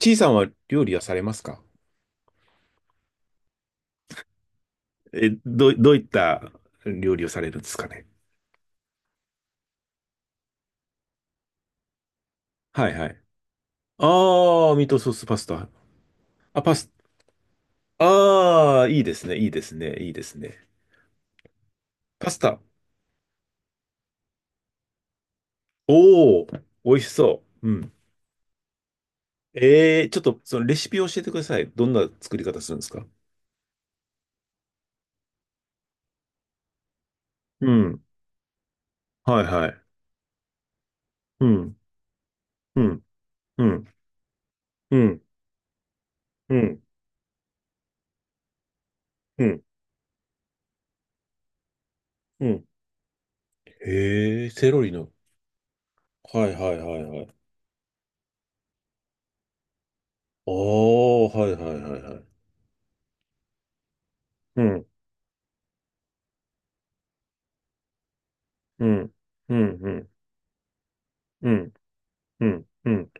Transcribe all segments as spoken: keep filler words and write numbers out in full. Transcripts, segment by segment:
ちいさんは料理はされますか？え、どう、どういった料理をされるんですかね。はいはい。ああ、ミートソースパスタ。あ、パス、ああ、いいですね、いいですね、いいですね。パスタ。おお、美味しそう。うん。えー、ちょっとそのレシピを教えてください。どんな作り方するんですか？うん。はいはい。うん、うん、うん、うん、うん、うん、うん。へえ、セロリの。はいはいはいはい。ああ、はいはいはいはい。うん、うん、うん、うん、うん、うん、うん、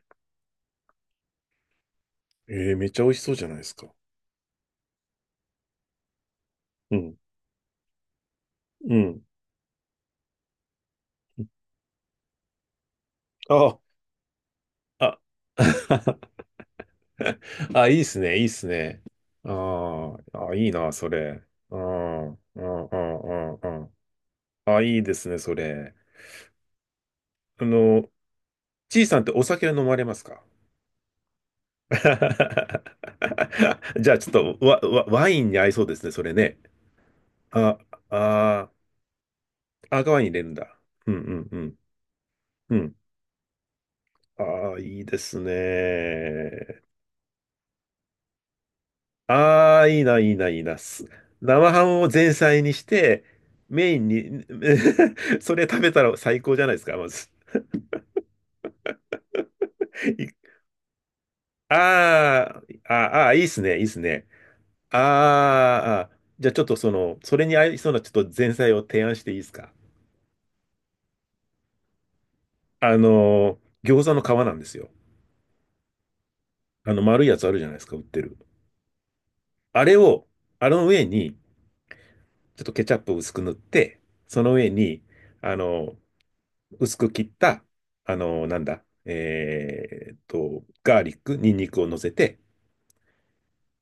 ええめっちゃ美味しそうじゃないですか。うん、うん。あ、あ、あ、いいっすね、いいっすね。ああ、あ、いいな、それ。うん、うん、うん、うん、うん。あ、いいですね、それ。あの、ちいさんってお酒は飲まれますか？ じゃあ、ちょっとワ、ワ、ワインに合いそうですね、それね。あ、あー、赤ワイン入れるんだ。うん、うん、うん、うん。ああ、いいですね。ああ、いいな、いいな、いいな。す生ハムを前菜にして、メインに、それ食べたら最高じゃないですか、まず。いあーあ、あーいいっすね、いいっすね。あーあー、じゃあちょっとその、それに合いそうなちょっと前菜を提案していいですか？あのー、餃子の皮なんですよ。あの、丸いやつあるじゃないですか、売ってる。あれを、あの上に、ちょっとケチャップを薄く塗って、その上に、あの、薄く切った、あの、なんだ、えーっと、ガーリック、ニンニクを乗せて、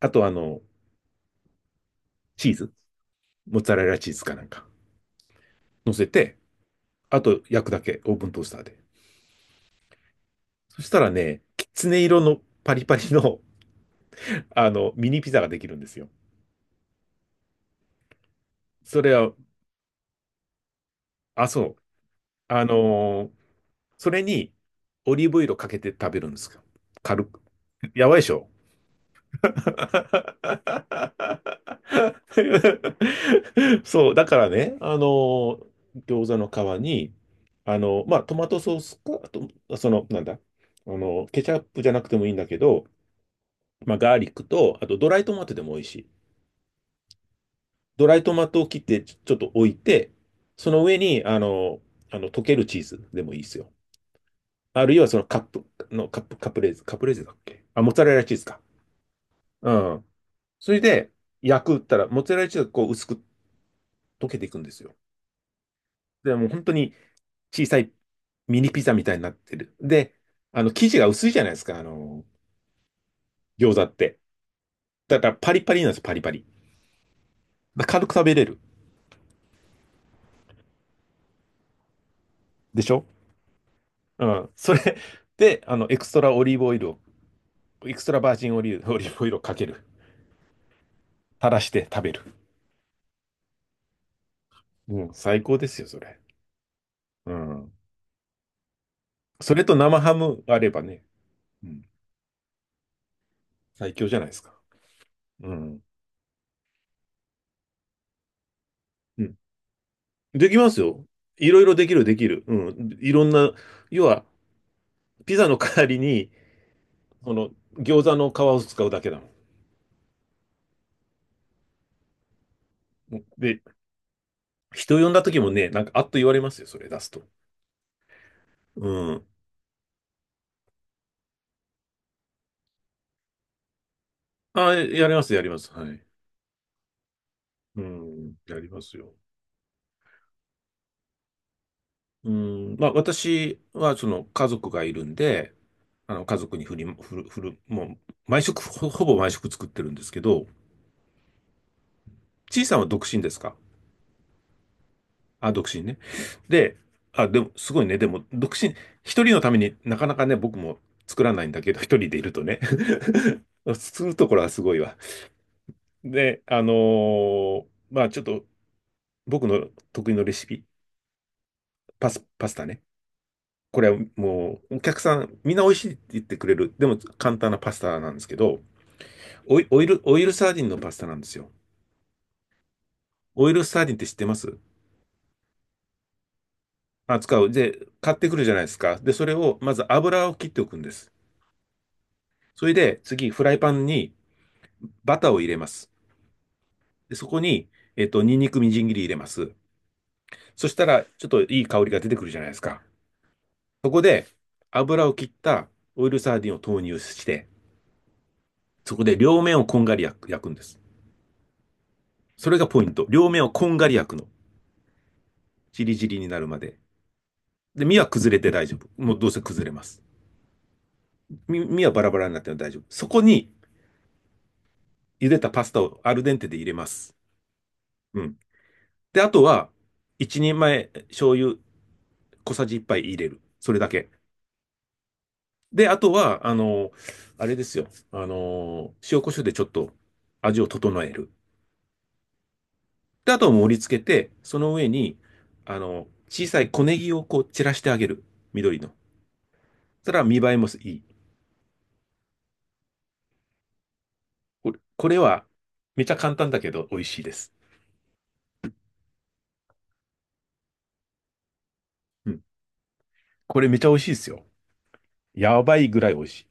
あと、あの、チーズ、モッツァレラチーズかなんか、乗せて、あと焼くだけ、オーブントースターで。そしたらね、きつね色のパリパリの、あの、ミニピザができるんですよ。それは、あ、そう。あのーそれに、オリーブオイルかけて食べるんですよ。軽く。やばいでしょ？ そう、だからね、あの、餃子の皮に、あの、まあ、トマトソースか、あと、その、なんだ、あの、ケチャップじゃなくてもいいんだけど、まあ、ガーリックと、あとドライトマトでも美味しい。ドライトマトを切ってちょ、ちょっと置いて、その上に、あの、あの、溶けるチーズでもいいですよ。あるいはそのカップの、カップ、カプレーゼ、カプレーゼだっけ？あ、モッツァレラチーズか。うん。それで、焼くったら、モッツァレラチーズがこう薄く溶けていくんですよ。で、もう本当に小さいミニピザみたいになってる。で、あの、生地が薄いじゃないですか、あの、餃子って。だからパリパリなんですよ、パリパリ。だから軽く食べれる。でしょ？うん。それで、あの、エクストラオリーブオイルを、エクストラバージンオリーブ、オリーブオイルをかける。垂らして食べる。うん、最高ですよ、それ。うん。それと生ハムあればね、うん、最強じゃないですか。うん。うん。できますよ。いろいろできる、できる。うん。いろんな、要は、ピザの代わりに、その、餃子の皮を使うだけだもん。で、人呼んだ時もね、なんか、あっと言われますよ、それ出すと。うん。あ、やります、やります。はい。うん、やりますよ。うん、まあ、私は、その、家族がいるんで、あの、家族に振り、振る、振る、もう、毎食、ほ、ほぼ毎食作ってるんですけど、ちいさんは独身ですか？あ、独身ね。で、あ、でも、すごいね。でも、独身、一人のためになかなかね、僕も作らないんだけど、一人でいるとね。するところはすごいわ。で、あのーまあちょっと僕の得意のレシピ、パス、パスタね。これはもうお客さんみんな美味しいって言ってくれる。でも簡単なパスタなんですけど、オイ、オイル、オイルサーディンのパスタなんですよ。オイルサーディンって知ってます？あ、使う。で、買ってくるじゃないですか。で、それをまず油を切っておくんです。それで次フライパンにバターを入れます。で、そこに、えっと、ニンニクみじん切り入れます。そしたらちょっといい香りが出てくるじゃないですか。そこで油を切ったオイルサーディンを投入して、そこで両面をこんがり焼く、焼くんです。それがポイント。両面をこんがり焼くの。ジリジリになるまで。で、身は崩れて大丈夫。もうどうせ崩れます。身、身はバラバラになっても大丈夫。そこに茹でたパスタをアルデンテで入れます。うん。で、あとは、一人前醤油小さじ一杯入れる。それだけ。で、あとは、あの、あれですよ。あの、塩コショウでちょっと味を整える。で、あとは盛り付けて、その上に、あの、小さい小ネギをこう散らしてあげる。緑の。そしたら見栄えもいい。これ、これは、めちゃ簡単だけど美味しいです。うん。これめちゃ美味しいですよ。やばいぐらい美味しい。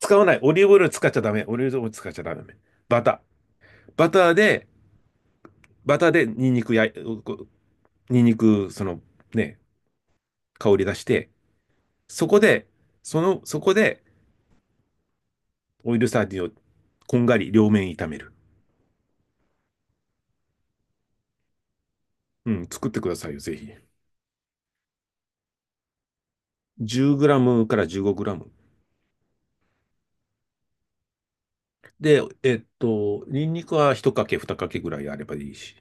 使わない。オリーブオイル使っちゃダメ。オリーブオイル使っちゃダメ。バター。バターで、バターでニンニクや、こうニンニク、そのね、香り出して、そこで、その、そこで、オイルサーディンをこんがり両面炒める。うん、作ってくださいよ、ぜひ。じゅうグラムからじゅうごグラム。で、えっと、ニンニクはひとかけかけ、にかけかけぐらいあればいいし。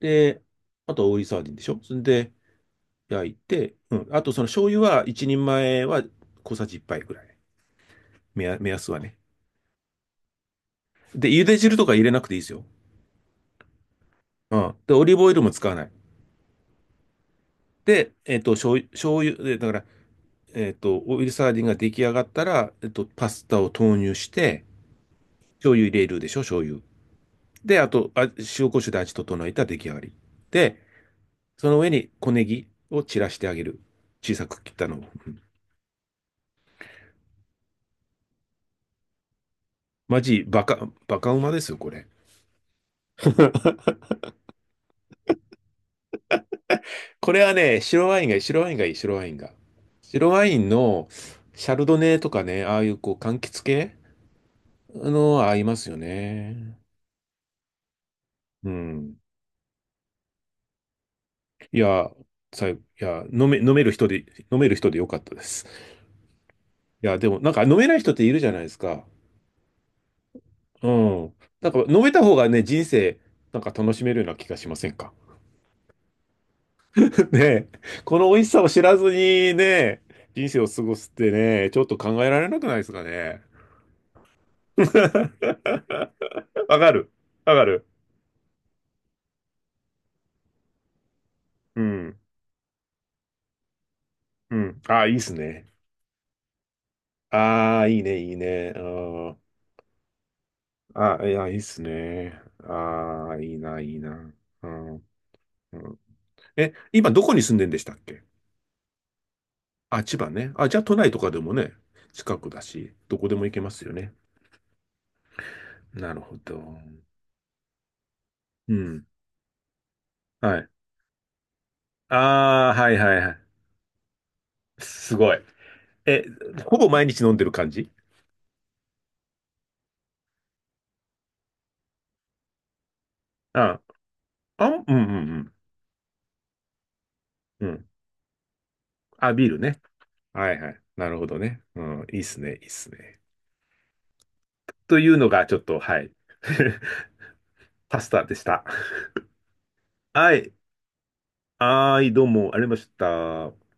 で、あと、オイルサーディンでしょ？それで、焼いて、うん。あと、その醤油は、いちにんまえは小さじいっぱいぐらい。目安、目安はね。で、茹で汁とか入れなくていいですよ。うん。で、オリーブオイルも使わない。で、えっと、醤油、醤油、でだから、えっと、オイルサーディンが出来上がったら、えっと、パスタを投入して、醤油入れるでしょ、醤油。で、あと、あ塩コショウで味整えたら出来上がり。で、その上に小ネギを散らしてあげる。小さく切ったのを。うんマジ、バカ、バカうまですよ、これ。これはね、白ワインがいい、白ワインがいい、白ワインが。白ワインのシャルドネとかね、ああいうこう、柑橘系の合いますよね。うん。いや、さ、いや、飲め、飲める人で、飲める人でよかったです。いや、でも、なんか飲めない人っているじゃないですか。うん。なんか飲めた方がね、人生、なんか楽しめるような気がしませんかね？この美味しさを知らずにね、人生を過ごすってね、ちょっと考えられなくないですかね。わかる。わかる。うん。うん。ああ、いいっすね。ああ、いいね、いいね。うんああ、あいや、いいっすね。ああ、いいな、いいな。うん。うんえ、今どこに住んでんでしたっけ？あ、千葉ね。あ、じゃあ都内とかでもね、近くだし、どこでも行けますよね。なるほど。うん。はい。ああ、はいはいはい。すごい。え、ほぼ毎日飲んでる感じ？あ、あん、うんうんうん。うん。あ、ビールね。はいはい。なるほどね。うん、いいっすね、いいっすね。というのが、ちょっと、はい。パスタでした。はい。はい、どうも、ありがとうございました。